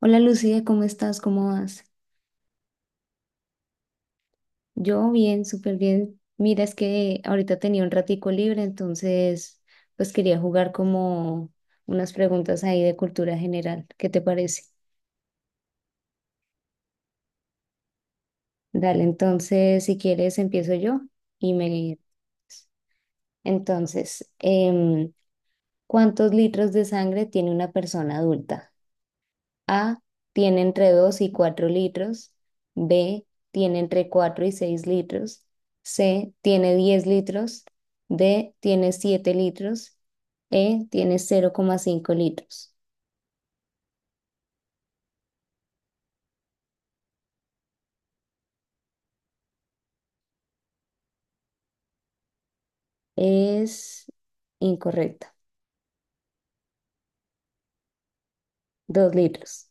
Hola Lucía, ¿cómo estás? ¿Cómo vas? Yo bien, súper bien. Mira, es que ahorita tenía un ratico libre, entonces pues quería jugar como unas preguntas ahí de cultura general. ¿Qué te parece? Dale, entonces si quieres empiezo yo y me... Entonces, ¿cuántos litros de sangre tiene una persona adulta? A. Tiene entre 2 y 4 litros. B. Tiene entre 4 y 6 litros. C. Tiene 10 litros. D. Tiene 7 litros. E. Tiene 0,5 litros. Es incorrecta. 2 litros.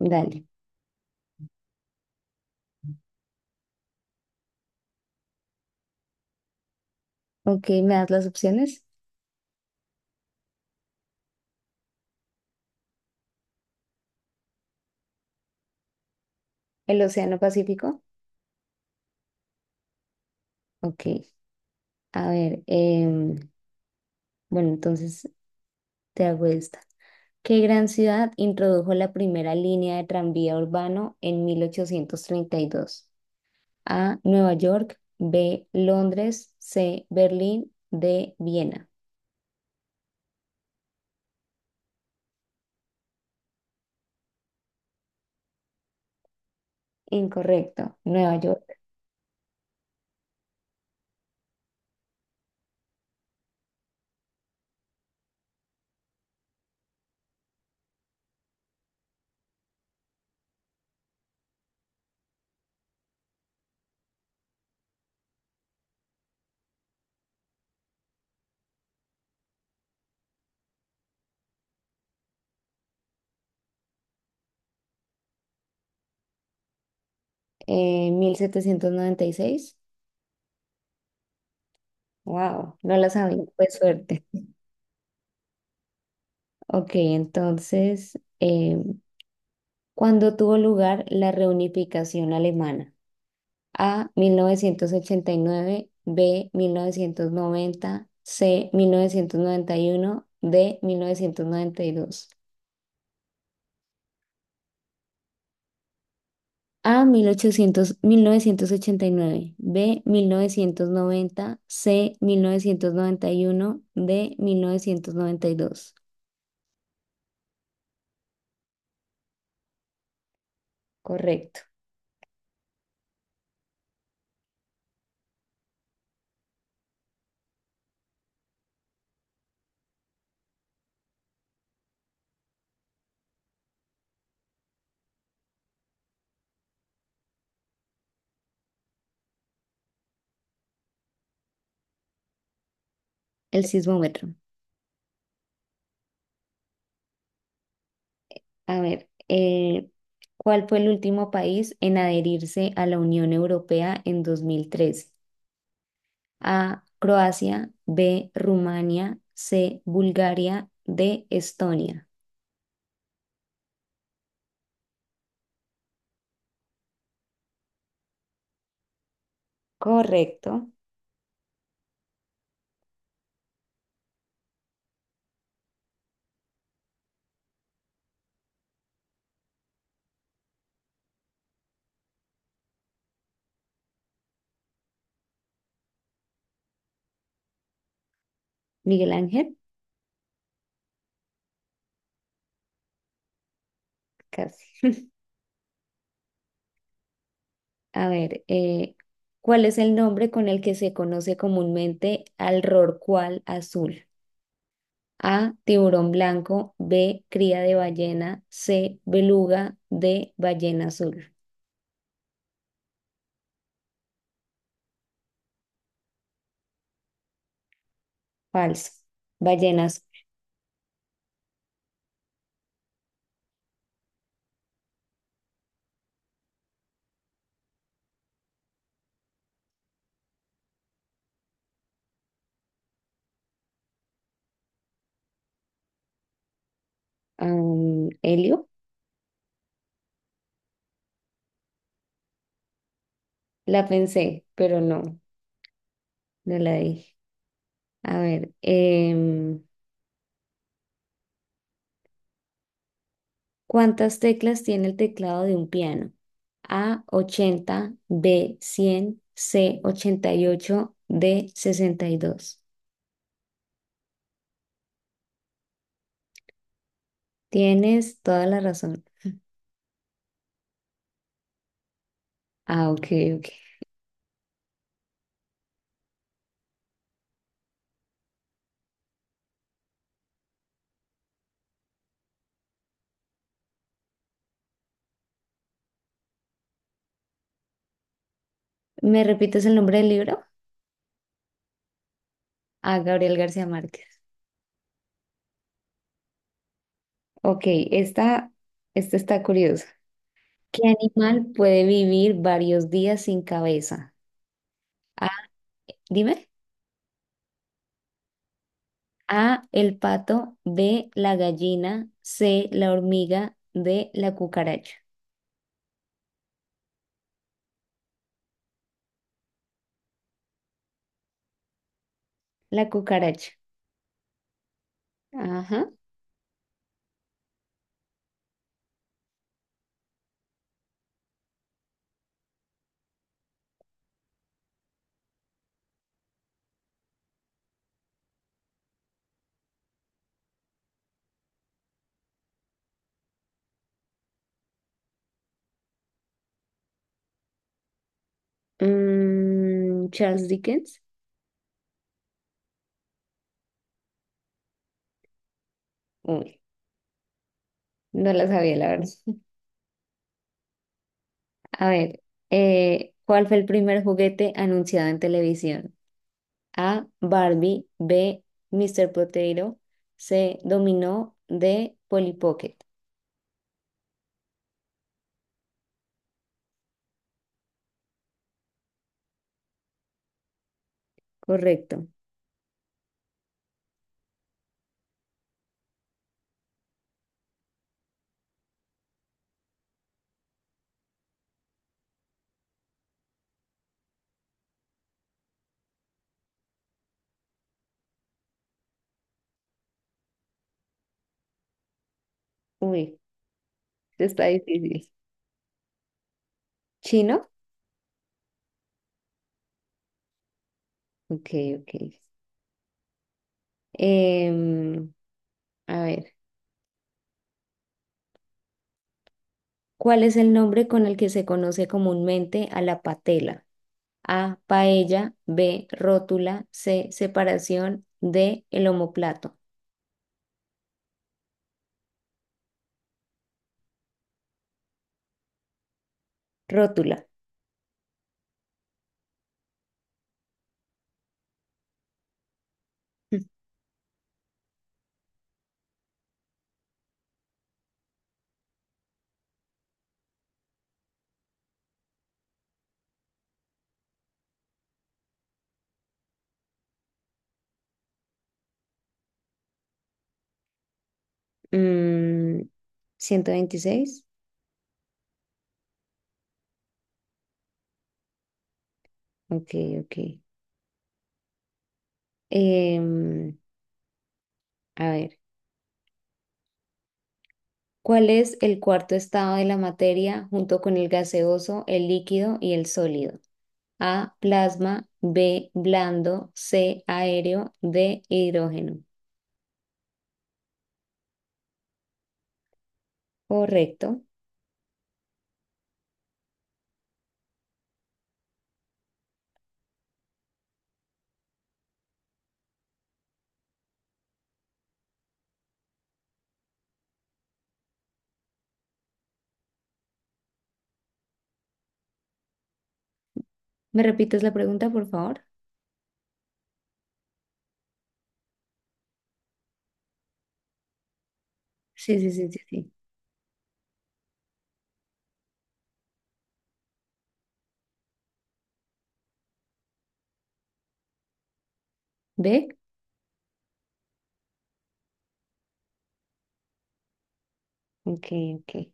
Dale. Ok, ¿me das las opciones? ¿El Océano Pacífico? Ok. A ver, bueno, entonces te hago esta. ¿Qué gran ciudad introdujo la primera línea de tranvía urbano en 1832? A. Nueva York. B. Londres. C. Berlín. D. Viena. Incorrecto. Nueva York. Mil setecientos noventa y seis. Wow, no la sabía. Pues suerte. Ok, entonces, ¿cuándo tuvo lugar la reunificación alemana? A, 1989. B, 1990. C, 1991. D, 1992. A, 1989. B, mil novecientos noventa. C, mil novecientos noventa y uno. D, mil novecientos noventa y dos. Correcto, el sismómetro. A ver, ¿cuál fue el último país en adherirse a la Unión Europea en 2013? A, Croacia. B, Rumania. C, Bulgaria. D, Estonia. Correcto. Miguel Ángel, casi. A ver, ¿cuál es el nombre con el que se conoce comúnmente al rorcual azul? A, tiburón blanco. B, cría de ballena. C, beluga. D, ballena azul. Falso. Ballenas. ¿Helio? La pensé, pero no, no la dije. A ver, ¿cuántas teclas tiene el teclado de un piano? A, 80. B, 100. C, 88. D, 62. Tienes toda la razón. Ah, ok, ok. ¿Me repites el nombre del libro? A, Gabriel García Márquez. Ok, esta, esta está curiosa. ¿Qué animal puede vivir varios días sin cabeza? A, dime. A, el pato. B, la gallina. C, la hormiga. D, la cucaracha. La cucaracha. Ajá. Charles Dickens. Uy, no la sabía, la verdad. A ver, ¿cuál fue el primer juguete anunciado en televisión? A. Barbie. B. Mr. Potato. C. Dominó. D. Polly Pocket. Correcto. Uy, esto está difícil. ¿Chino? Ok, ok. Em, a ver, ¿cuál es el nombre con el que se conoce comúnmente a la patela? A, paella. B, rótula. C, separación. D, el omóplato. Rótula. Mm, ciento veintiséis. Ok, ok. Em, a ver, ¿cuál es el cuarto estado de la materia junto con el gaseoso, el líquido y el sólido? A, plasma. B, blando. C, aéreo. D, hidrógeno. Correcto. ¿Me repites la pregunta, por favor? Sí, sí, sí, sí, sí. ¿B? Ok, ok.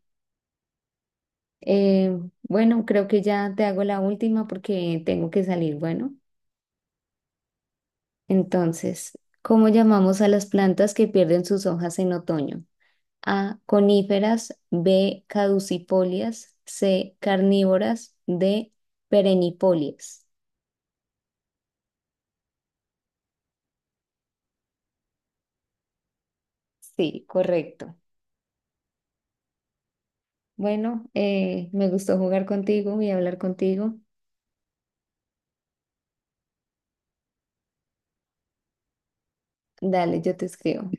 Eh, bueno, creo que ya te hago la última porque tengo que salir. Bueno, entonces, ¿cómo llamamos a las plantas que pierden sus hojas en otoño? A. Coníferas. B. Caducifolias. C. Carnívoras. D. Perennifolias. Sí, correcto. Bueno, me gustó jugar contigo y hablar contigo. Dale, yo te escribo.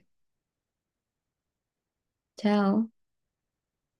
Chao.